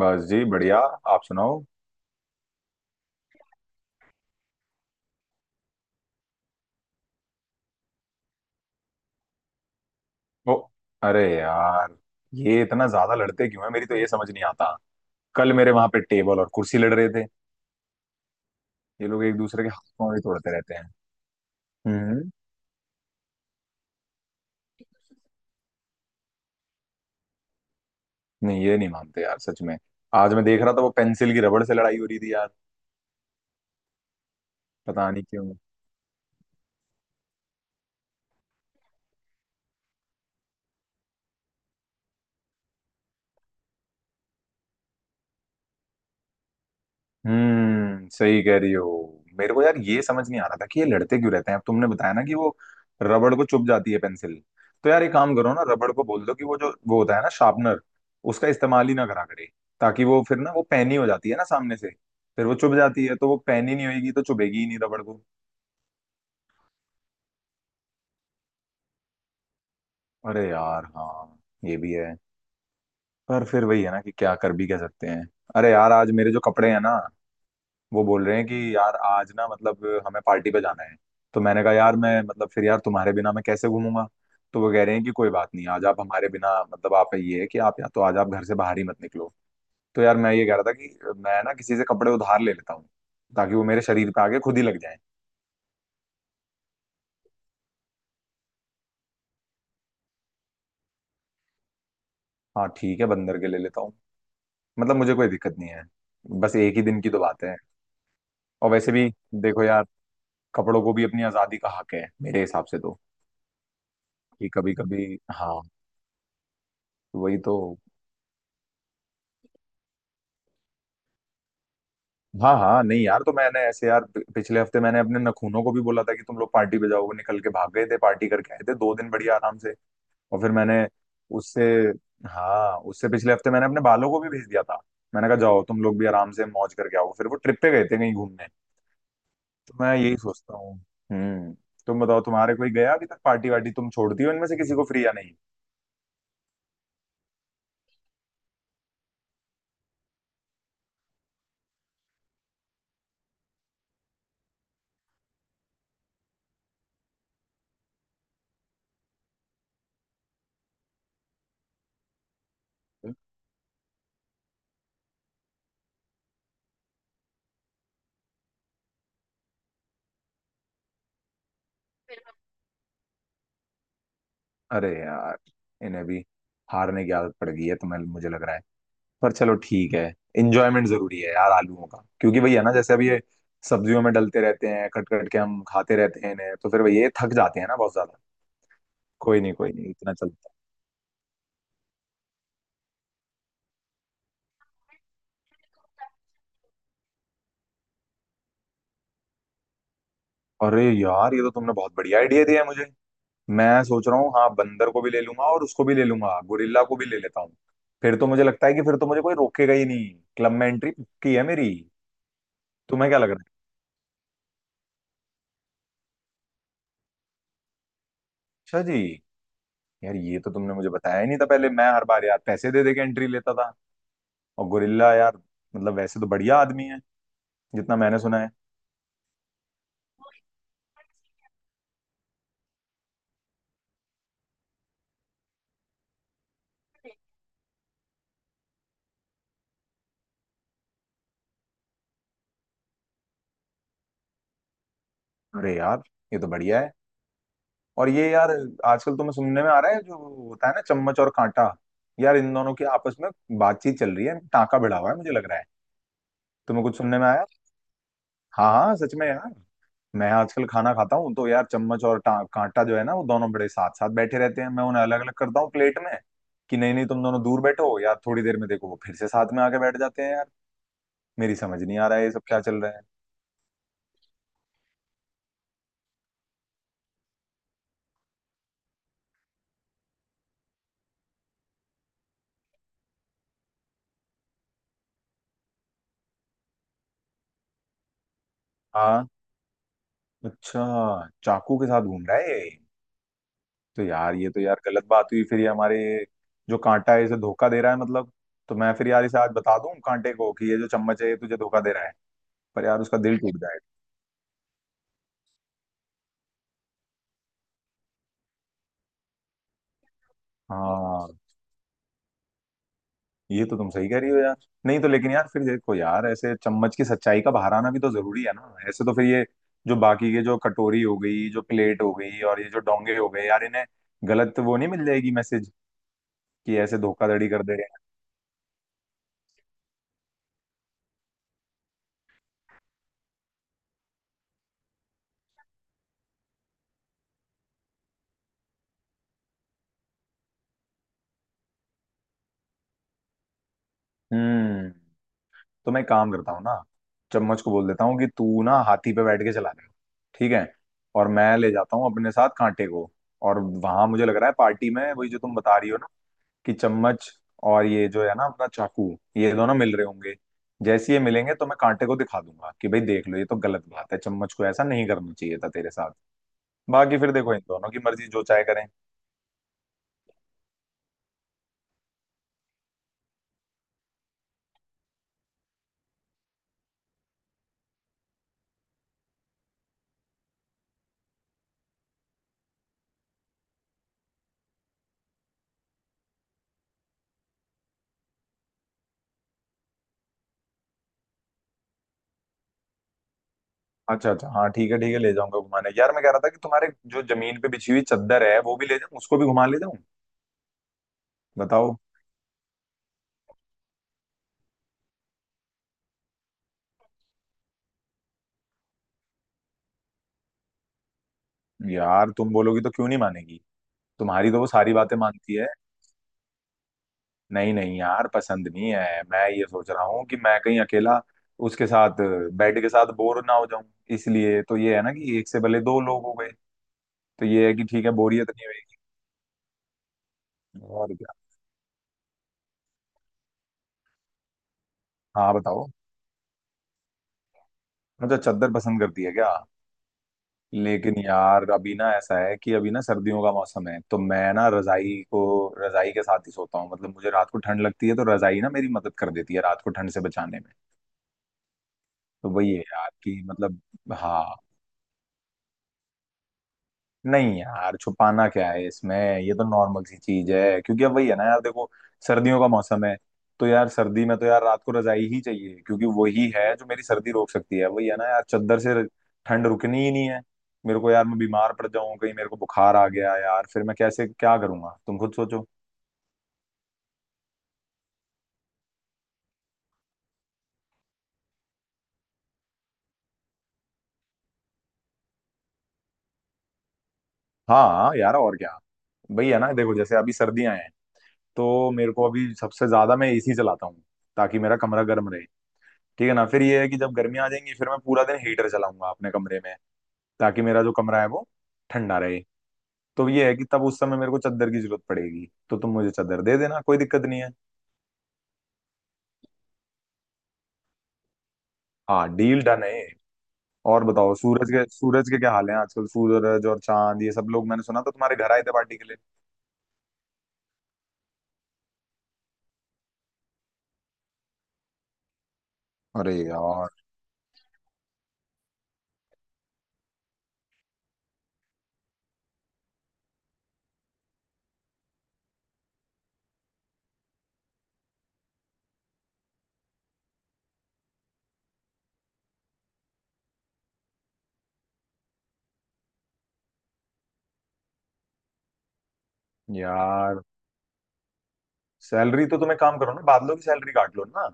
बस जी बढ़िया। आप सुनाओ। ओ। अरे यार। ये इतना ज्यादा लड़ते क्यों है, मेरी तो ये समझ नहीं आता। कल मेरे वहां पे टेबल और कुर्सी लड़ रहे थे। ये लोग एक दूसरे के हाथ पाँव भी तोड़ते रहते हैं। हम्म। नहीं ये नहीं मानते यार सच में। आज मैं देख रहा था वो पेंसिल की रबड़ से लड़ाई हो रही थी यार। पता नहीं क्यों। सही कह रही हो। मेरे को यार ये समझ नहीं आ रहा था कि ये लड़ते क्यों रहते हैं, अब तुमने बताया ना कि वो रबड़ को चुभ जाती है पेंसिल। तो यार एक काम करो ना, रबड़ को बोल दो कि वो जो वो होता है ना शार्पनर, उसका इस्तेमाल ही ना करा करे। ताकि वो फिर ना वो पैनी हो जाती है ना सामने से, फिर वो चुभ जाती है। तो वो पैनी नहीं होगी तो चुभेगी ही नहीं रबड़ को। अरे यार हाँ। ये भी है। पर फिर वही है ना कि क्या कर भी कह सकते हैं। अरे यार आज मेरे जो कपड़े हैं ना, वो बोल रहे हैं कि यार आज ना मतलब हमें पार्टी पे जाना है। तो मैंने कहा यार मैं मतलब फिर यार तुम्हारे बिना मैं कैसे घूमूंगा। तो वो कह रहे हैं कि कोई बात नहीं, आज आप हमारे बिना मतलब आप ये है कि आप या तो आज आप घर से बाहर ही मत निकलो। तो यार मैं ये कह रहा था कि मैं ना किसी से कपड़े उधार ले लेता हूँ, ताकि वो मेरे शरीर पे आके खुद ही लग जाए। हाँ ठीक है बंदर के ले लेता हूँ। मतलब मुझे कोई दिक्कत नहीं है। बस एक ही दिन की तो बात है। और वैसे भी देखो यार, कपड़ों को भी अपनी आजादी का हक है मेरे हिसाब से तो। कि कभी कभी हाँ। वही तो। हाँ हाँ, नहीं यार तो मैंने ऐसे यार पिछले हफ्ते मैंने अपने नखूनों को भी बोला था कि तुम लोग पार्टी पे जाओ, वो निकल के भाग गए थे, पार्टी करके आए थे दो दिन बढ़िया आराम से। और फिर मैंने उससे हाँ उससे पिछले हफ्ते मैंने अपने बालों को भी भेज दिया था। मैंने कहा जाओ तुम लोग भी आराम से मौज करके आओ, फिर वो ट्रिप पे गए थे कहीं घूमने। तो मैं यही सोचता हूँ। हम्म। तुम बताओ तुम्हारे कोई गया अभी तक पार्टी वार्टी, तुम छोड़ती हो इनमें से किसी को फ्री या नहीं। अरे यार इन्हें भी हारने की आदत पड़ गई है तुम्हें मुझे लग रहा है। पर चलो ठीक है। इंजॉयमेंट जरूरी है यार आलूओं का, क्योंकि वही है ना जैसे अब ये सब्जियों में डलते रहते हैं, कट कट के हम खाते रहते हैं इन्हें, तो फिर वही ये थक जाते हैं ना बहुत ज्यादा। कोई नहीं इतना चलता है। अरे यार ये तो तुमने बहुत बढ़िया आइडिया दिया है मुझे। मैं सोच रहा हूँ हाँ बंदर को भी ले लूंगा और उसको भी ले लूंगा गोरिल्ला को भी ले लेता हूँ। फिर तो मुझे लगता है कि फिर तो मुझे कोई रोकेगा ही नहीं। क्लब में एंट्री पक्की है मेरी। तुम्हें क्या लग रहा है। अच्छा जी। यार ये तो तुमने मुझे बताया ही नहीं था पहले, मैं हर बार यार पैसे दे दे के एंट्री लेता था। और गोरिल्ला यार मतलब वैसे तो बढ़िया आदमी है, जितना मैंने सुना है। अरे यार ये तो बढ़िया है। और ये यार आजकल तुम्हें सुनने में आ रहा है जो होता है ना चम्मच और कांटा, यार इन दोनों की आपस में बातचीत चल रही है, टाँका भिड़ा हुआ है मुझे लग रहा है। तुम्हें कुछ सुनने में आया। हाँ हाँ सच में यार, मैं आजकल खाना खाता हूँ तो यार चम्मच और कांटा जो है ना वो दोनों बड़े साथ साथ बैठे रहते हैं, मैं उन्हें अलग अलग करता हूँ प्लेट में। कि नहीं नहीं तुम दोनों दूर बैठो यार, थोड़ी देर में देखो वो फिर से साथ में आके बैठ जाते हैं यार। मेरी समझ नहीं आ रहा है ये सब क्या चल रहा है। हाँ, अच्छा चाकू के साथ घूम रहा है ये। तो यार ये तो यार गलत बात हुई, फिर ये हमारे जो कांटा है इसे धोखा दे रहा है मतलब। तो मैं फिर यार इसे आज बता दूं कांटे को कि ये जो चम्मच है ये तुझे धोखा दे रहा है। पर यार उसका दिल टूट जाएगा। हाँ ये तो तुम सही कह रही हो यार। नहीं तो, लेकिन यार फिर देखो यार ऐसे चम्मच की सच्चाई का बाहर आना भी तो जरूरी है ना, ऐसे तो फिर ये जो बाकी के जो कटोरी हो गई जो प्लेट हो गई और ये जो डोंगे हो गए यार इन्हें गलत वो नहीं मिल जाएगी मैसेज कि ऐसे धोखाधड़ी कर दे रहे हैं। हम्म। तो मैं एक काम करता हूँ ना, चम्मच को बोल देता हूँ कि तू ना हाथी पे बैठ के चला ले। ठीक है। और मैं ले जाता हूँ अपने साथ कांटे को, और वहां मुझे लग रहा है पार्टी में वही जो तुम बता रही हो ना कि चम्मच और ये जो है ना अपना चाकू, ये दोनों मिल रहे होंगे। जैसे ये मिलेंगे तो मैं कांटे को दिखा दूंगा कि भाई देख लो, ये तो गलत बात है, चम्मच को ऐसा नहीं करना चाहिए था तेरे साथ। बाकी फिर देखो इन दोनों की मर्जी जो चाहे करें। अच्छा अच्छा हाँ ठीक है ले जाऊंगा घुमाने, यार मैं कह रहा था कि तुम्हारे जो जमीन पे बिछी हुई चादर है वो भी ले जाऊं, उसको भी घुमा ले जाऊं। बताओ। यार तुम बोलोगी तो क्यों नहीं मानेगी। तुम्हारी तो वो सारी बातें मानती है। नहीं नहीं यार पसंद नहीं है, मैं ये सोच रहा हूँ कि मैं कहीं अकेला उसके साथ बेड के साथ बोर ना हो जाऊं, इसलिए तो ये है ना कि एक से भले दो लोग हो गए। तो ये है कि ठीक है बोरियत नहीं होगी। और क्या। हाँ बताओ। अच्छा चद्दर पसंद करती है क्या। लेकिन यार अभी ना ऐसा है कि अभी ना सर्दियों का मौसम है तो मैं ना रजाई को रजाई के साथ ही सोता हूँ, मतलब मुझे रात को ठंड लगती है तो रजाई ना मेरी मदद कर देती है रात को ठंड से बचाने में। तो वही है यार कि मतलब। हाँ। नहीं यार छुपाना क्या है इसमें, ये तो नॉर्मल सी चीज है क्योंकि अब वही है ना यार देखो सर्दियों का मौसम है। तो यार सर्दी में तो यार रात को रजाई ही चाहिए क्योंकि वही है जो मेरी सर्दी रोक सकती है, वही है ना यार चादर से ठंड रुकनी ही नहीं है। मेरे को यार मैं बीमार पड़ जाऊं कहीं मेरे को बुखार आ गया यार, फिर मैं कैसे क्या करूंगा तुम खुद सोचो। हाँ यार और क्या। वही है ना देखो जैसे अभी सर्दियां हैं तो मेरे को अभी सबसे ज्यादा मैं एसी चलाता हूँ, ताकि मेरा कमरा गर्म रहे। ठीक है ना फिर ये है कि जब गर्मियाँ आ जाएंगी फिर मैं पूरा दिन हीटर चलाऊंगा अपने कमरे में, ताकि मेरा जो कमरा है वो ठंडा रहे। तो ये है कि तब उस समय मेरे को चादर की जरूरत पड़ेगी, तो तुम मुझे चादर दे देना, कोई दिक्कत नहीं है। हाँ डील डन है। और बताओ सूरज के क्या हाल है आजकल, सूरज और चांद ये सब लोग मैंने सुना था तुम्हारे घर आए थे पार्टी के लिए। अरे यार। यार सैलरी तो तुम एक काम करो ना, बादलों की सैलरी काट लो ना।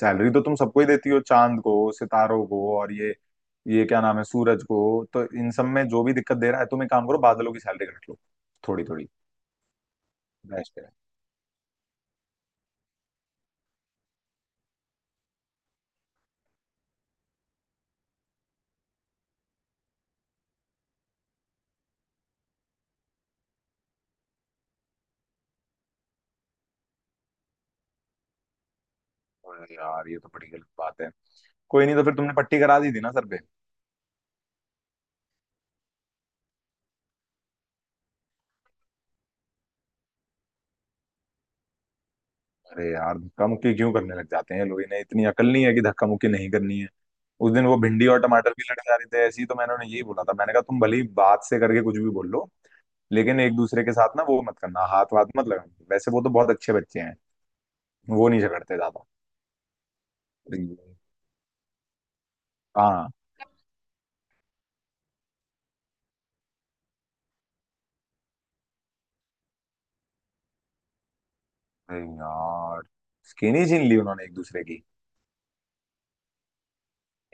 सैलरी तो तुम सबको ही देती हो चांद को सितारों को और ये क्या नाम है सूरज को। तो इन सब में जो भी दिक्कत दे रहा है तुम एक काम करो बादलों की सैलरी काट लो थोड़ी थोड़ी। बेस्ट है। अरे यार ये तो बड़ी गलत बात है। कोई नहीं तो फिर तुमने पट्टी करा दी थी ना सर पे। अरे यार धक्का मुक्की क्यों करने लग जाते हैं लोग, इन्हें इतनी अकल नहीं है कि धक्का मुक्की नहीं करनी है। उस दिन वो भिंडी और टमाटर भी लड़ जा रहे थे ऐसे ही, तो मैंने उन्हें यही बोला था, मैंने कहा तुम भले ही बात से करके कुछ भी बोल लो, लेकिन एक दूसरे के साथ ना वो मत करना हाथ वाथ मत लगाना, वैसे वो तो बहुत अच्छे बच्चे हैं। वो नहीं झगड़ते ज्यादा। अरे हाँ। अरे यार स्किन ही छीन ली उन्होंने एक दूसरे की।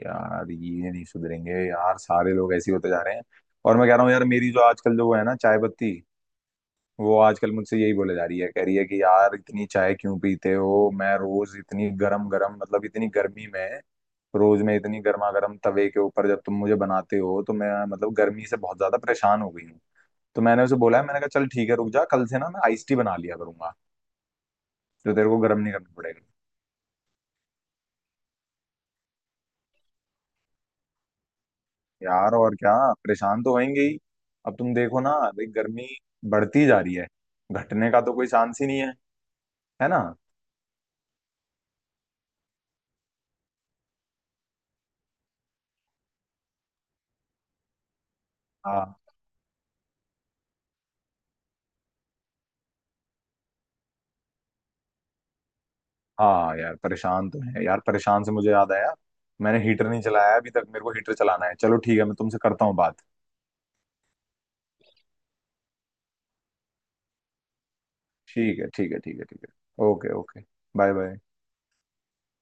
यार ये नहीं सुधरेंगे यार, सारे लोग ऐसे ही होते जा रहे हैं। और मैं कह रहा हूँ यार मेरी जो आजकल जो वो है ना चाय पत्ती, वो आजकल मुझसे यही बोले जा रही है, कह रही है कि यार इतनी चाय क्यों पीते हो, मैं रोज इतनी गरम गरम मतलब इतनी गर्मी में रोज मैं इतनी गर्मा गर्म तवे के ऊपर जब तुम मुझे बनाते हो तो मैं मतलब गर्मी से बहुत ज्यादा परेशान हो गई हूँ। तो मैंने उसे बोला है मैंने कहा चल ठीक है रुक जा कल से ना मैं आइस टी बना लिया करूंगा, तो तेरे को गर्म नहीं करना पड़ेगा। यार और क्या। परेशान तो होंगे ही। अब तुम देखो ना भाई गर्मी बढ़ती जा रही है, घटने का तो कोई चांस ही नहीं है। है ना। हाँ हाँ यार परेशान तो है यार, परेशान से मुझे याद आया मैंने हीटर नहीं चलाया अभी तक, मेरे को हीटर चलाना है। चलो ठीक है मैं तुमसे करता हूँ बात। ठीक है ठीक है ठीक है ठीक है ओके ओके। Bye bye.